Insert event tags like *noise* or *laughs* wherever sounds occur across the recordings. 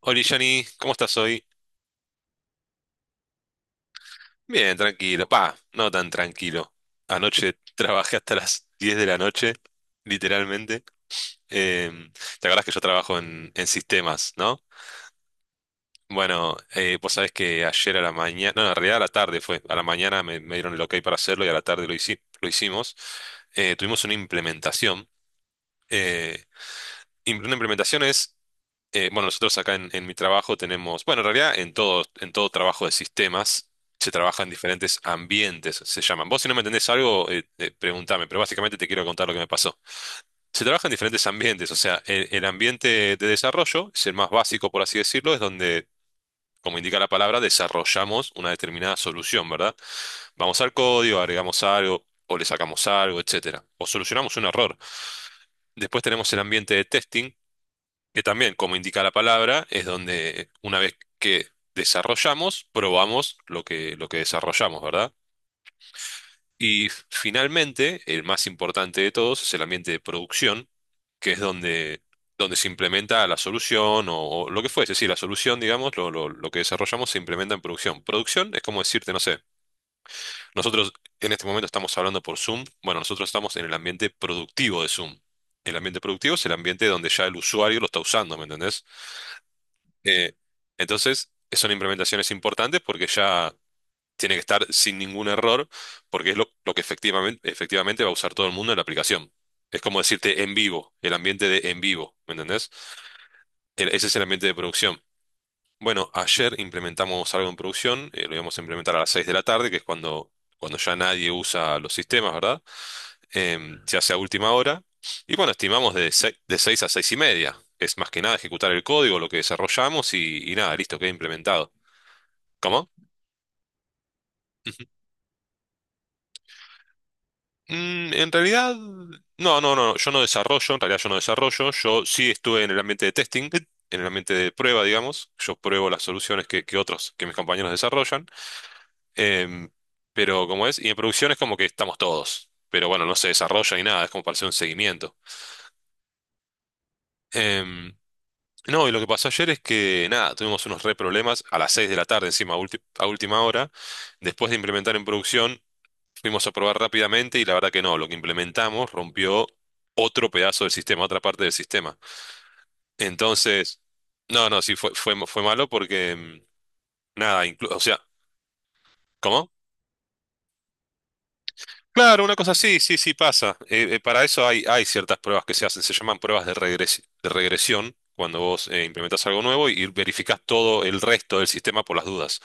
Hola Johnny, ¿cómo estás hoy? Bien, tranquilo. Pa, no tan tranquilo. Anoche *laughs* trabajé hasta las 10 de la noche, literalmente. Em, ¿Te acordás que yo trabajo en sistemas, no? Bueno, vos sabés que ayer a la mañana, no, en realidad a la tarde fue. A la mañana me dieron el ok para hacerlo y a la tarde lo hicimos. Tuvimos una implementación. Eh, una implementación es bueno, nosotros acá en mi trabajo tenemos, bueno, en realidad en en todo trabajo de sistemas se trabaja en diferentes ambientes, se llaman. Vos si no me entendés algo, preguntame, pero básicamente te quiero contar lo que me pasó. Se trabaja en diferentes ambientes, o sea, el ambiente de desarrollo es el más básico, por así decirlo, es donde, como indica la palabra, desarrollamos una determinada solución, ¿verdad? Vamos al código, agregamos algo, o le sacamos algo, etcétera, o solucionamos un error. Después tenemos el ambiente de testing que también, como indica la palabra, es donde una vez que desarrollamos, probamos lo que desarrollamos, ¿verdad? Y finalmente, el más importante de todos es el ambiente de producción, que es donde se implementa la solución o lo que fuese, sí, la solución, digamos, lo que desarrollamos se implementa en producción. Producción es como decirte, no sé, nosotros en este momento estamos hablando por Zoom, bueno, nosotros estamos en el ambiente productivo de Zoom. El ambiente productivo es el ambiente donde ya el usuario lo está usando, ¿me entendés? Eh, entonces, son implementaciones importantes porque ya tiene que estar sin ningún error, porque es lo que efectivamente va a usar todo el mundo en la aplicación. Es como decirte en vivo, el ambiente de en vivo, ¿me entendés? Ese es el ambiente de producción. Bueno, ayer implementamos algo en producción, lo íbamos a implementar a las 6 de la tarde, que es cuando ya nadie usa los sistemas, ¿verdad? Se hace a última hora. Y bueno, estimamos de de 6 a 6 y media. Es más que nada ejecutar el código, lo que desarrollamos y nada, listo, queda implementado. ¿Cómo? Ujú. En realidad, no, yo no desarrollo, en realidad yo no desarrollo, yo sí estuve en el ambiente de testing, en el ambiente de prueba, digamos, yo pruebo las soluciones que otros, que mis compañeros desarrollan. Em, pero como es, y en producción es como que estamos todos, pero bueno, no se desarrolla ni nada, es como para hacer un seguimiento. Em, no, y lo que pasó ayer es que nada, tuvimos unos re problemas a las 6 de la tarde, encima, a última hora. Después de implementar en producción, fuimos a probar rápidamente y la verdad que no, lo que implementamos rompió otro pedazo del sistema, otra parte del sistema. Entonces, no, no, sí, fue malo porque nada, o sea, ¿cómo? Claro, una cosa así, sí, sí pasa. Para eso hay ciertas pruebas que se hacen, se llaman pruebas de de regresión, cuando vos implementás algo nuevo y verificás todo el resto del sistema por las dudas.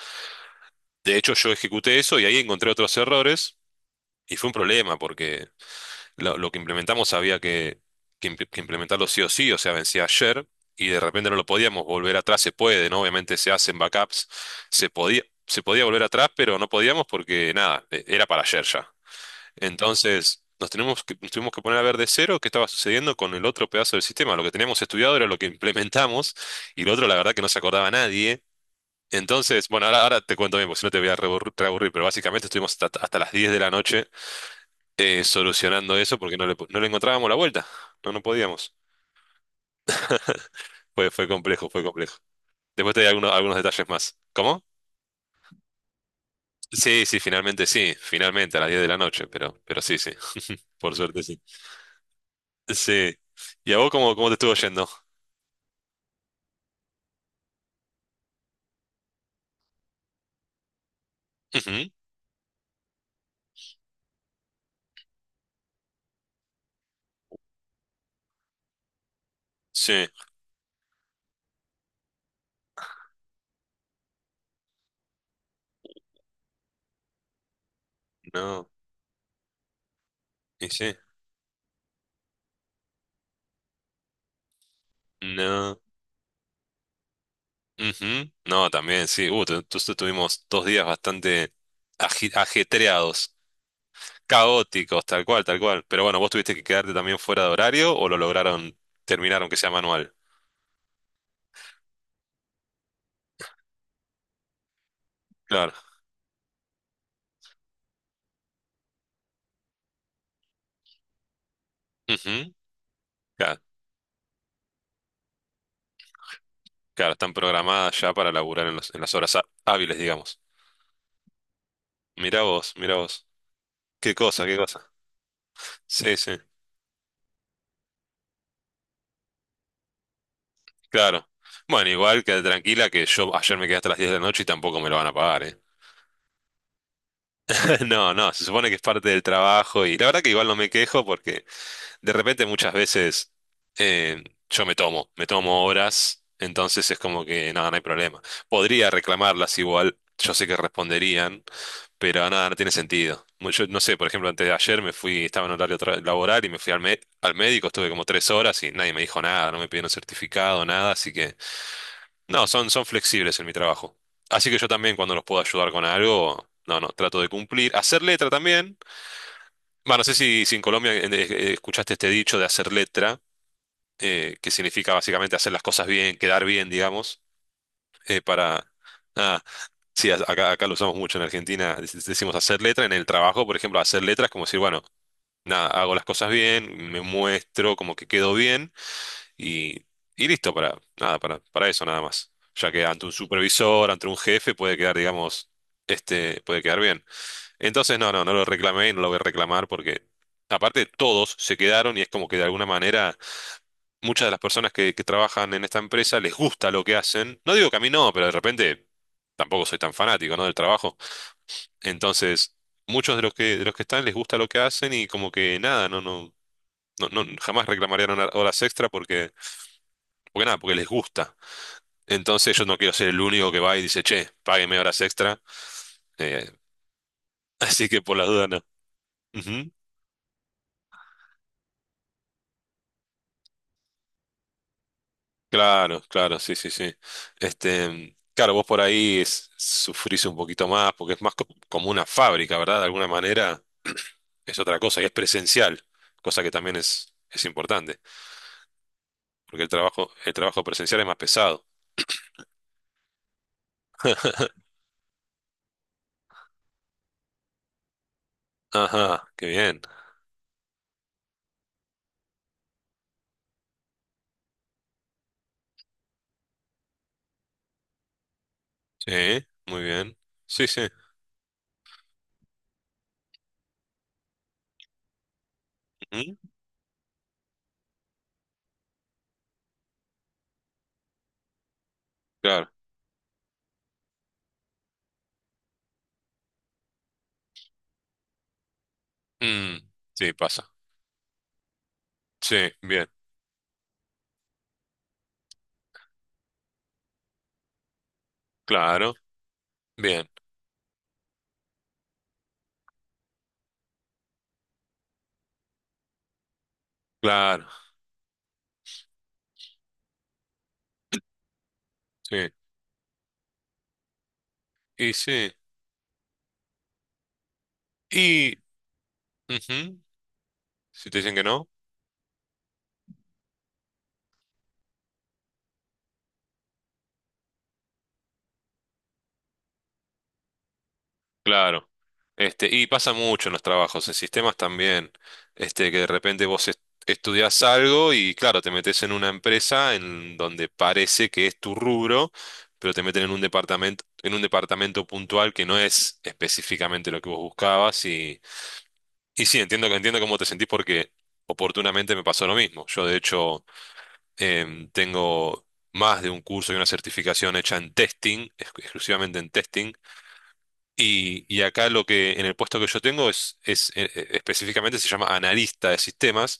De hecho, yo ejecuté eso y ahí encontré otros errores y fue un problema porque lo que implementamos había que implementarlo sí o sí, o sea, vencía ayer y de repente no lo podíamos volver atrás, se puede, ¿no? Obviamente se hacen backups, se podía volver atrás, pero no podíamos porque nada, era para ayer ya. Entonces, nos tuvimos que poner a ver de cero qué estaba sucediendo con el otro pedazo del sistema. Lo que teníamos estudiado era lo que implementamos y lo otro, la verdad, que no se acordaba nadie. Entonces, bueno, ahora te cuento bien, porque si no te voy a reaburrir, pero básicamente estuvimos hasta las 10 de la noche solucionando eso porque no no le encontrábamos la vuelta. No, no podíamos. Fue complejo, fue complejo. Después te doy algunos detalles más. ¿Cómo? Sí, sí, finalmente a las 10 de la noche, pero sí, sí, por suerte sí. Sí. ¿Y a vos cómo te estuvo yendo? *laughs* Sí, no, y sí, no, ujú. No, también, sí, tuvimos 2 días bastante ajetreados, caóticos, tal cual, tal cual. Pero bueno, vos tuviste que quedarte también fuera de horario o lo lograron terminar aunque sea manual. Claro, ujú, claro, claro, están programadas ya para laburar en las horas hábiles, digamos. Mirá vos, mirá vos. Qué cosa, qué cosa. Sí, sí, claro. Bueno, igual quédate tranquila que yo ayer me quedé hasta las 10 de la noche y tampoco me lo van a pagar, ¿eh? *laughs* No, no, se supone que es parte del trabajo y la verdad que igual no me quejo porque de repente muchas veces eh, yo me tomo horas, entonces es como que nada, no hay problema. Podría reclamarlas igual, yo sé que responderían, pero nada, no tiene sentido. Yo no sé, por ejemplo, antes de ayer me fui, estaba en horario laboral y me fui al médico, estuve como 3 horas y nadie me dijo nada, no me pidieron certificado, nada, así que no, son flexibles en mi trabajo. Así que yo también cuando los puedo ayudar con algo, no, no, trato de cumplir. Hacer letra también. Bueno, no sé si en Colombia escuchaste este dicho de hacer letra, que significa básicamente hacer las cosas bien, quedar bien, digamos, para... Ah, sí, acá, acá lo usamos mucho en Argentina, decimos hacer letra. En el trabajo, por ejemplo, hacer letra es como decir, bueno, nada, hago las cosas bien, me muestro como que quedo bien. Y, y listo, nada, para eso nada más. Ya que ante un supervisor, ante un jefe, puede quedar, digamos, este, puede quedar bien. Entonces, no lo reclamé y no lo voy a reclamar porque, aparte, todos se quedaron y es como que de alguna manera muchas de las personas que trabajan en esta empresa les gusta lo que hacen. No digo que a mí no, pero de repente tampoco soy tan fanático, ¿no? del trabajo. Entonces, muchos de de los que están les gusta lo que hacen y como que nada, no jamás reclamarían horas extra porque, porque nada, porque les gusta. Entonces yo no quiero ser el único que va y dice, che, págueme horas extra. Eh, *laughs* así que por las dudas no. Ujú. Claro, claro, sí, sí, sí. Este, claro, vos por ahí sufrís un poquito más porque es más como una fábrica, ¿verdad? De alguna manera es otra cosa y es presencial, cosa que también es importante, porque el trabajo presencial es más pesado. *laughs* Ajá, qué bien. Sí, muy bien. Sí, sí. Ujú, claro. Mm, sí, pasa. Sí, bien. Claro. Bien. Claro, sí. Y sí. Y ujú, si te dicen que no, claro. Este, y pasa mucho en los trabajos, en sistemas también. Este, que de repente estudiás algo y claro, te metes en una empresa en donde parece que es tu rubro, pero te meten en un departamento puntual que no es específicamente lo que vos buscabas. Y sí, entiendo, entiendo cómo te sentís porque oportunamente me pasó lo mismo. Yo, de hecho. Tengo más de un curso y una certificación hecha en testing, exclusivamente en testing. Y acá lo que en el puesto que yo tengo es específicamente se llama analista de sistemas.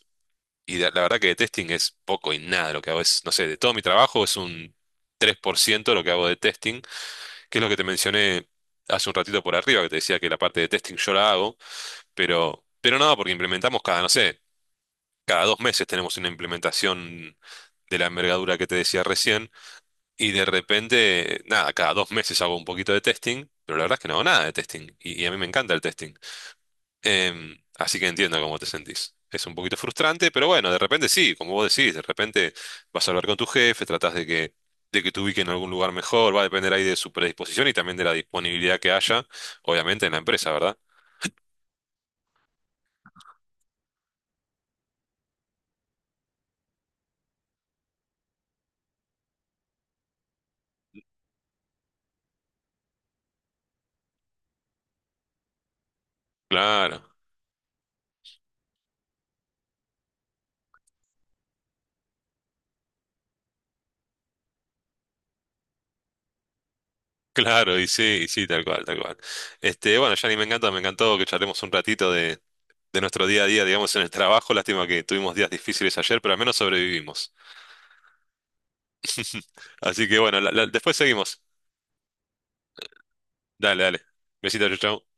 Y la verdad que de testing es poco y nada. Lo que hago es, no sé, de todo mi trabajo es un 3% lo que hago de testing, que es lo que te mencioné hace un ratito por arriba, que te decía que la parte de testing yo la hago, pero no, porque implementamos cada, no sé, cada 2 meses tenemos una implementación de la envergadura que te decía recién. Y de repente, nada, cada 2 meses hago un poquito de testing, pero la verdad es que no hago nada de testing. Y a mí me encanta el testing. Así que entiendo cómo te sentís. Es un poquito frustrante, pero bueno, de repente sí, como vos decís, de repente vas a hablar con tu jefe, de que te ubique en algún lugar mejor, va a depender ahí de su predisposición y también de la disponibilidad que haya, obviamente, en la empresa, ¿verdad? Claro, *laughs* claro, y sí, tal cual, tal cual. Este, bueno, Yanni, me encanta, me encantó que charlemos un ratito de nuestro día a día, digamos, en el trabajo. Lástima que tuvimos días difíciles ayer, pero al menos sobrevivimos. *laughs* Así que bueno, después seguimos. Dale, dale. Besitos, chau, chau.